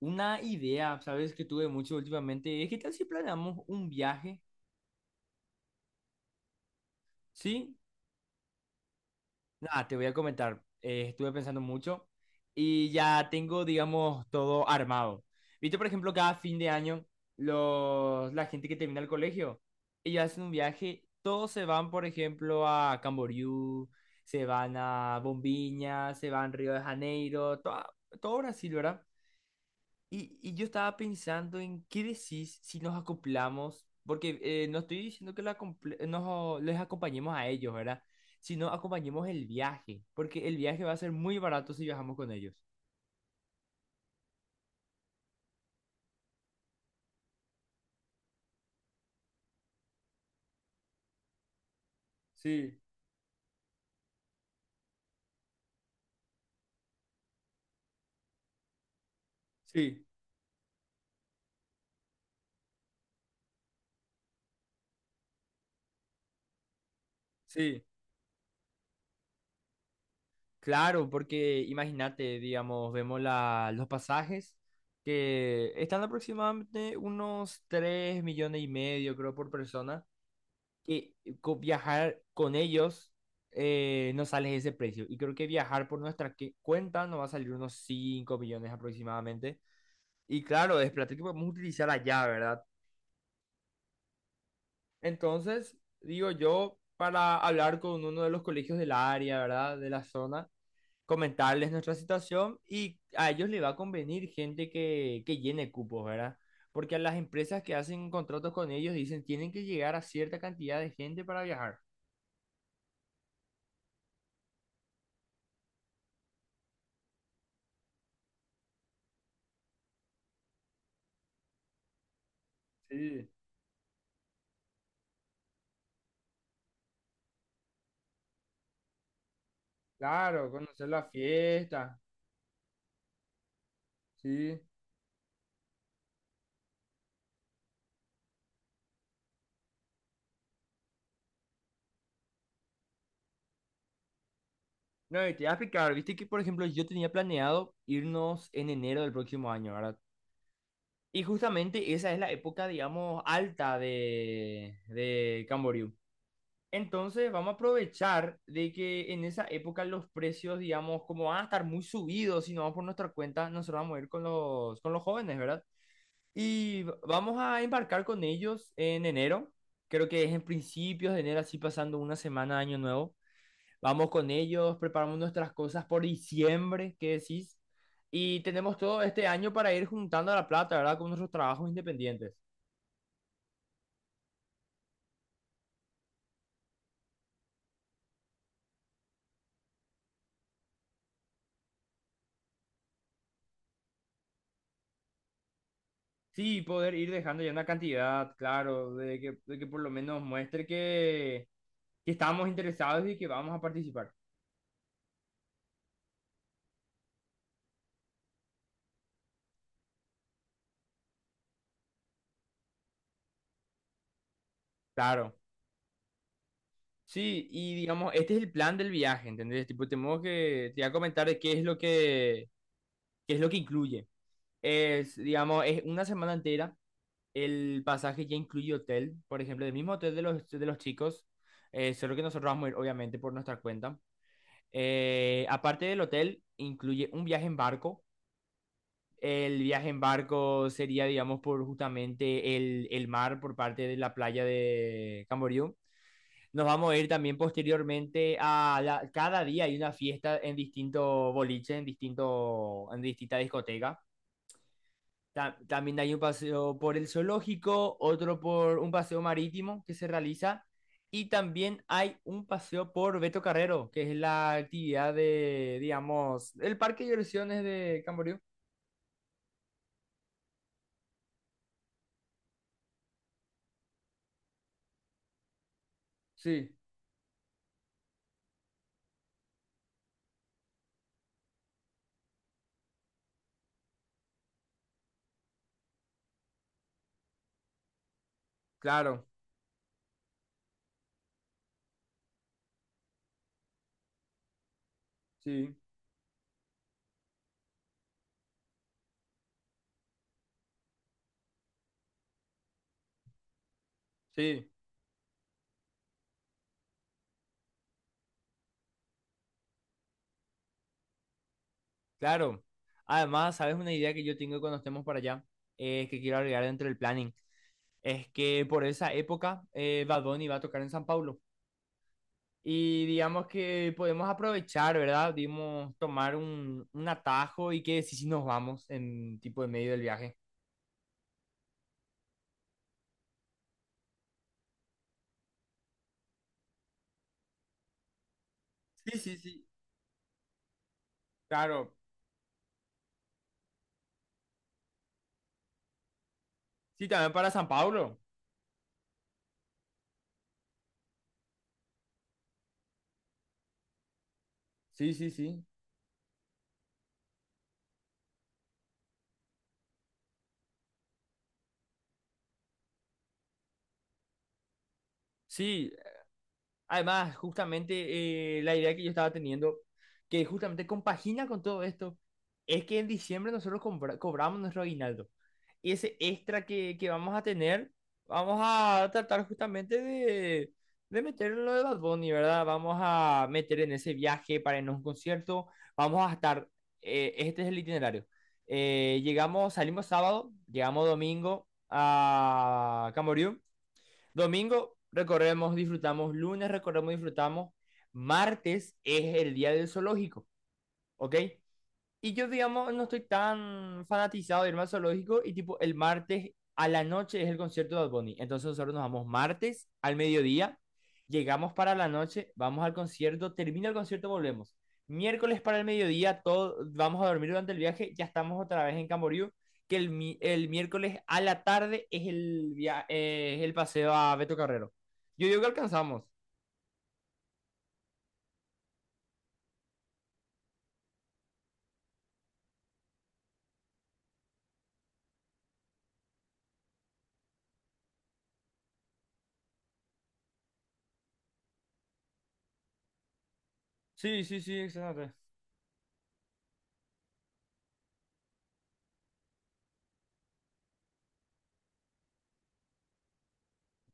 Una idea, ¿sabes? Que tuve mucho últimamente. Es que tal si planeamos un viaje, ¿sí? Nada, te voy a comentar. Estuve pensando mucho y ya tengo, digamos, todo armado. Viste, por ejemplo, cada fin de año, la gente que termina el colegio, ellos hacen un viaje, todos se van, por ejemplo, a Camboriú, se van a Bombiña, se van a Río de Janeiro, todo Brasil, ¿verdad? Y yo estaba pensando en qué decís si nos acoplamos, porque no estoy diciendo que les acompañemos a ellos, ¿verdad? Sino acompañemos el viaje, porque el viaje va a ser muy barato si viajamos con ellos. Sí, sí, sí. Claro, porque imagínate, digamos, vemos los pasajes que están aproximadamente unos 3 millones y medio, creo, por persona. Que viajar con ellos no sale ese precio. Y creo que viajar por cuenta nos va a salir unos 5 millones aproximadamente. Y claro, es plata que podemos utilizar allá, ¿verdad? Entonces, digo yo, para hablar con uno de los colegios del área, ¿verdad? De la zona, comentarles nuestra situación y a ellos les va a convenir gente que llene cupos, ¿verdad? Porque a las empresas que hacen contratos con ellos dicen, tienen que llegar a cierta cantidad de gente para viajar. Sí. Claro, conocer la fiesta, sí. No, y te voy a explicar, viste que por ejemplo yo tenía planeado irnos en enero del próximo año, ¿verdad? Y justamente esa es la época, digamos, alta de Camboriú. Entonces vamos a aprovechar de que en esa época los precios, digamos, como van a estar muy subidos, si no vamos por nuestra cuenta, nosotros vamos a ir con con los jóvenes, ¿verdad? Y vamos a embarcar con ellos en enero, creo que es en principios de enero, así pasando una semana de año nuevo. Vamos con ellos, preparamos nuestras cosas por diciembre, ¿qué decís? Y tenemos todo este año para ir juntando la plata, ¿verdad? Con nuestros trabajos independientes. Sí, poder ir dejando ya una cantidad, claro, de que por lo menos muestre que estamos interesados y que vamos a participar. Claro. Sí, y digamos, este es el plan del viaje, ¿entendés? Tipo, tenemos que, te voy a comentar de qué es qué es lo que incluye. Es, digamos, es una semana entera. El pasaje ya incluye hotel, por ejemplo, del mismo hotel de de los chicos, solo que nosotros vamos a ir, obviamente, por nuestra cuenta. Aparte del hotel, incluye un viaje en barco. El viaje en barco sería, digamos, por justamente el mar por parte de la playa de Camboriú. Nos vamos a ir también posteriormente a cada día hay una fiesta en distintos boliches, en en distintas discotecas. También hay un paseo por el zoológico, otro por un paseo marítimo que se realiza, y también hay un paseo por Beto Carrero, que es la actividad de, digamos, el parque de diversiones de Camboriú. Sí, claro, sí, sí, claro. Además, ¿sabes una idea que yo tengo cuando estemos para allá? Que quiero agregar dentro del planning. Es que por esa época Bad Bunny va a tocar en San Pablo. Y digamos que podemos aprovechar, ¿verdad? Dimos tomar un atajo y que sí sí nos vamos en tipo de medio del viaje. Sí, sí, sí, claro. Sí, también para San Pablo. Sí, sí, sí. Sí, además, justamente la idea que yo estaba teniendo, que justamente compagina con todo esto, es que en diciembre nosotros cobramos nuestro aguinaldo. Y ese extra que vamos a tener, vamos a tratar justamente de meterlo en lo de Bad Bunny, ¿verdad? Vamos a meter en ese viaje para irnos a un concierto. Vamos a estar, este es el itinerario. Llegamos, salimos sábado, llegamos domingo a Camboriú. Domingo recorremos, disfrutamos. Lunes recorremos, disfrutamos. Martes es el día del zoológico, ¿ok? Y yo, digamos, no estoy tan fanatizado de irme al zoológico y tipo el martes a la noche es el concierto de Bad Bunny. Entonces nosotros nos vamos martes al mediodía, llegamos para la noche, vamos al concierto, termina el concierto, volvemos. Miércoles para el mediodía, todo, vamos a dormir durante el viaje, ya estamos otra vez en Camboriú, que el miércoles a la tarde es es el paseo a Beto Carrero. Yo digo que alcanzamos. Sí, sí, sí, excelente.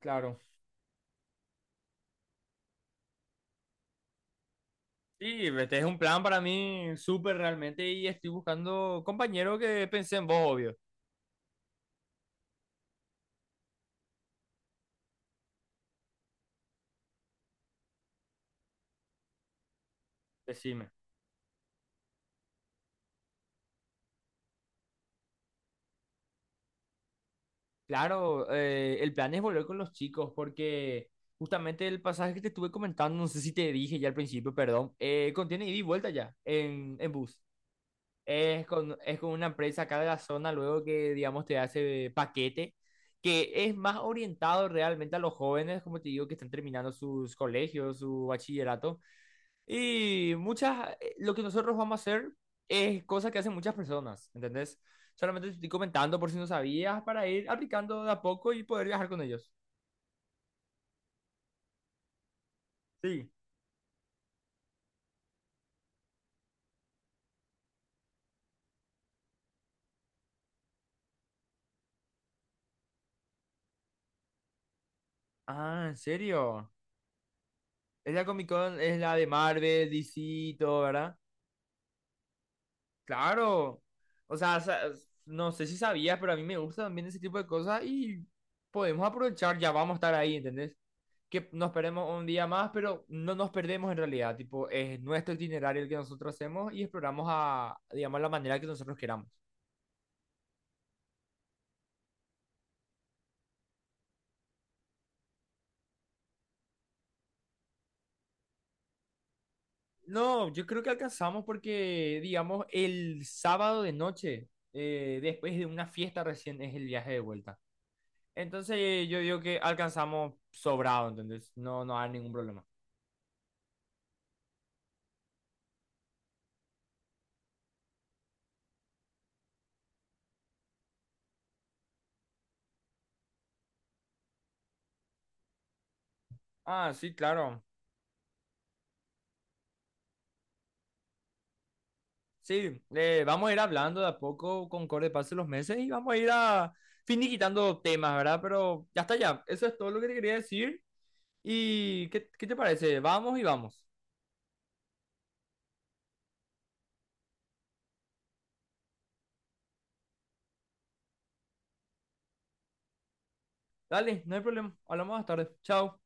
Claro. Sí, este es un plan para mí súper realmente y estoy buscando compañero que pensé en vos, obvio. Decime. Claro, el plan es volver con los chicos porque justamente el pasaje que te estuve comentando, no sé si te dije ya al principio, perdón, contiene ida y vuelta ya en bus. Es con una empresa acá de la zona luego que, digamos, te hace paquete, que es más orientado realmente a los jóvenes, como te digo, que están terminando sus colegios, su bachillerato. Y muchas, lo que nosotros vamos a hacer es cosas que hacen muchas personas, ¿entendés? Solamente te estoy comentando por si no sabías para ir aplicando de a poco y poder viajar con ellos. Sí. Ah, ¿en serio? Es la Comic Con, es la de Marvel, DC, y todo, ¿verdad? Claro. O sea, no sé si sabías, pero a mí me gusta también ese tipo de cosas y podemos aprovechar, ya vamos a estar ahí, ¿entendés? Que nos perdemos un día más, pero no nos perdemos en realidad, tipo, es nuestro itinerario el que nosotros hacemos y exploramos a, digamos, la manera que nosotros queramos. No, yo creo que alcanzamos porque, digamos, el sábado de noche, después de una fiesta recién, es el viaje de vuelta. Entonces yo digo que alcanzamos sobrado, ¿entendés? No, no hay ningún problema. Ah, sí, claro. Sí, vamos a ir hablando de a poco con corte de paso los meses y vamos a ir a finiquitando temas, ¿verdad? Pero ya está ya, eso es todo lo que te quería decir. ¿Y qué te parece? Vamos y vamos. Dale, no hay problema. Hablamos más tarde. Chao.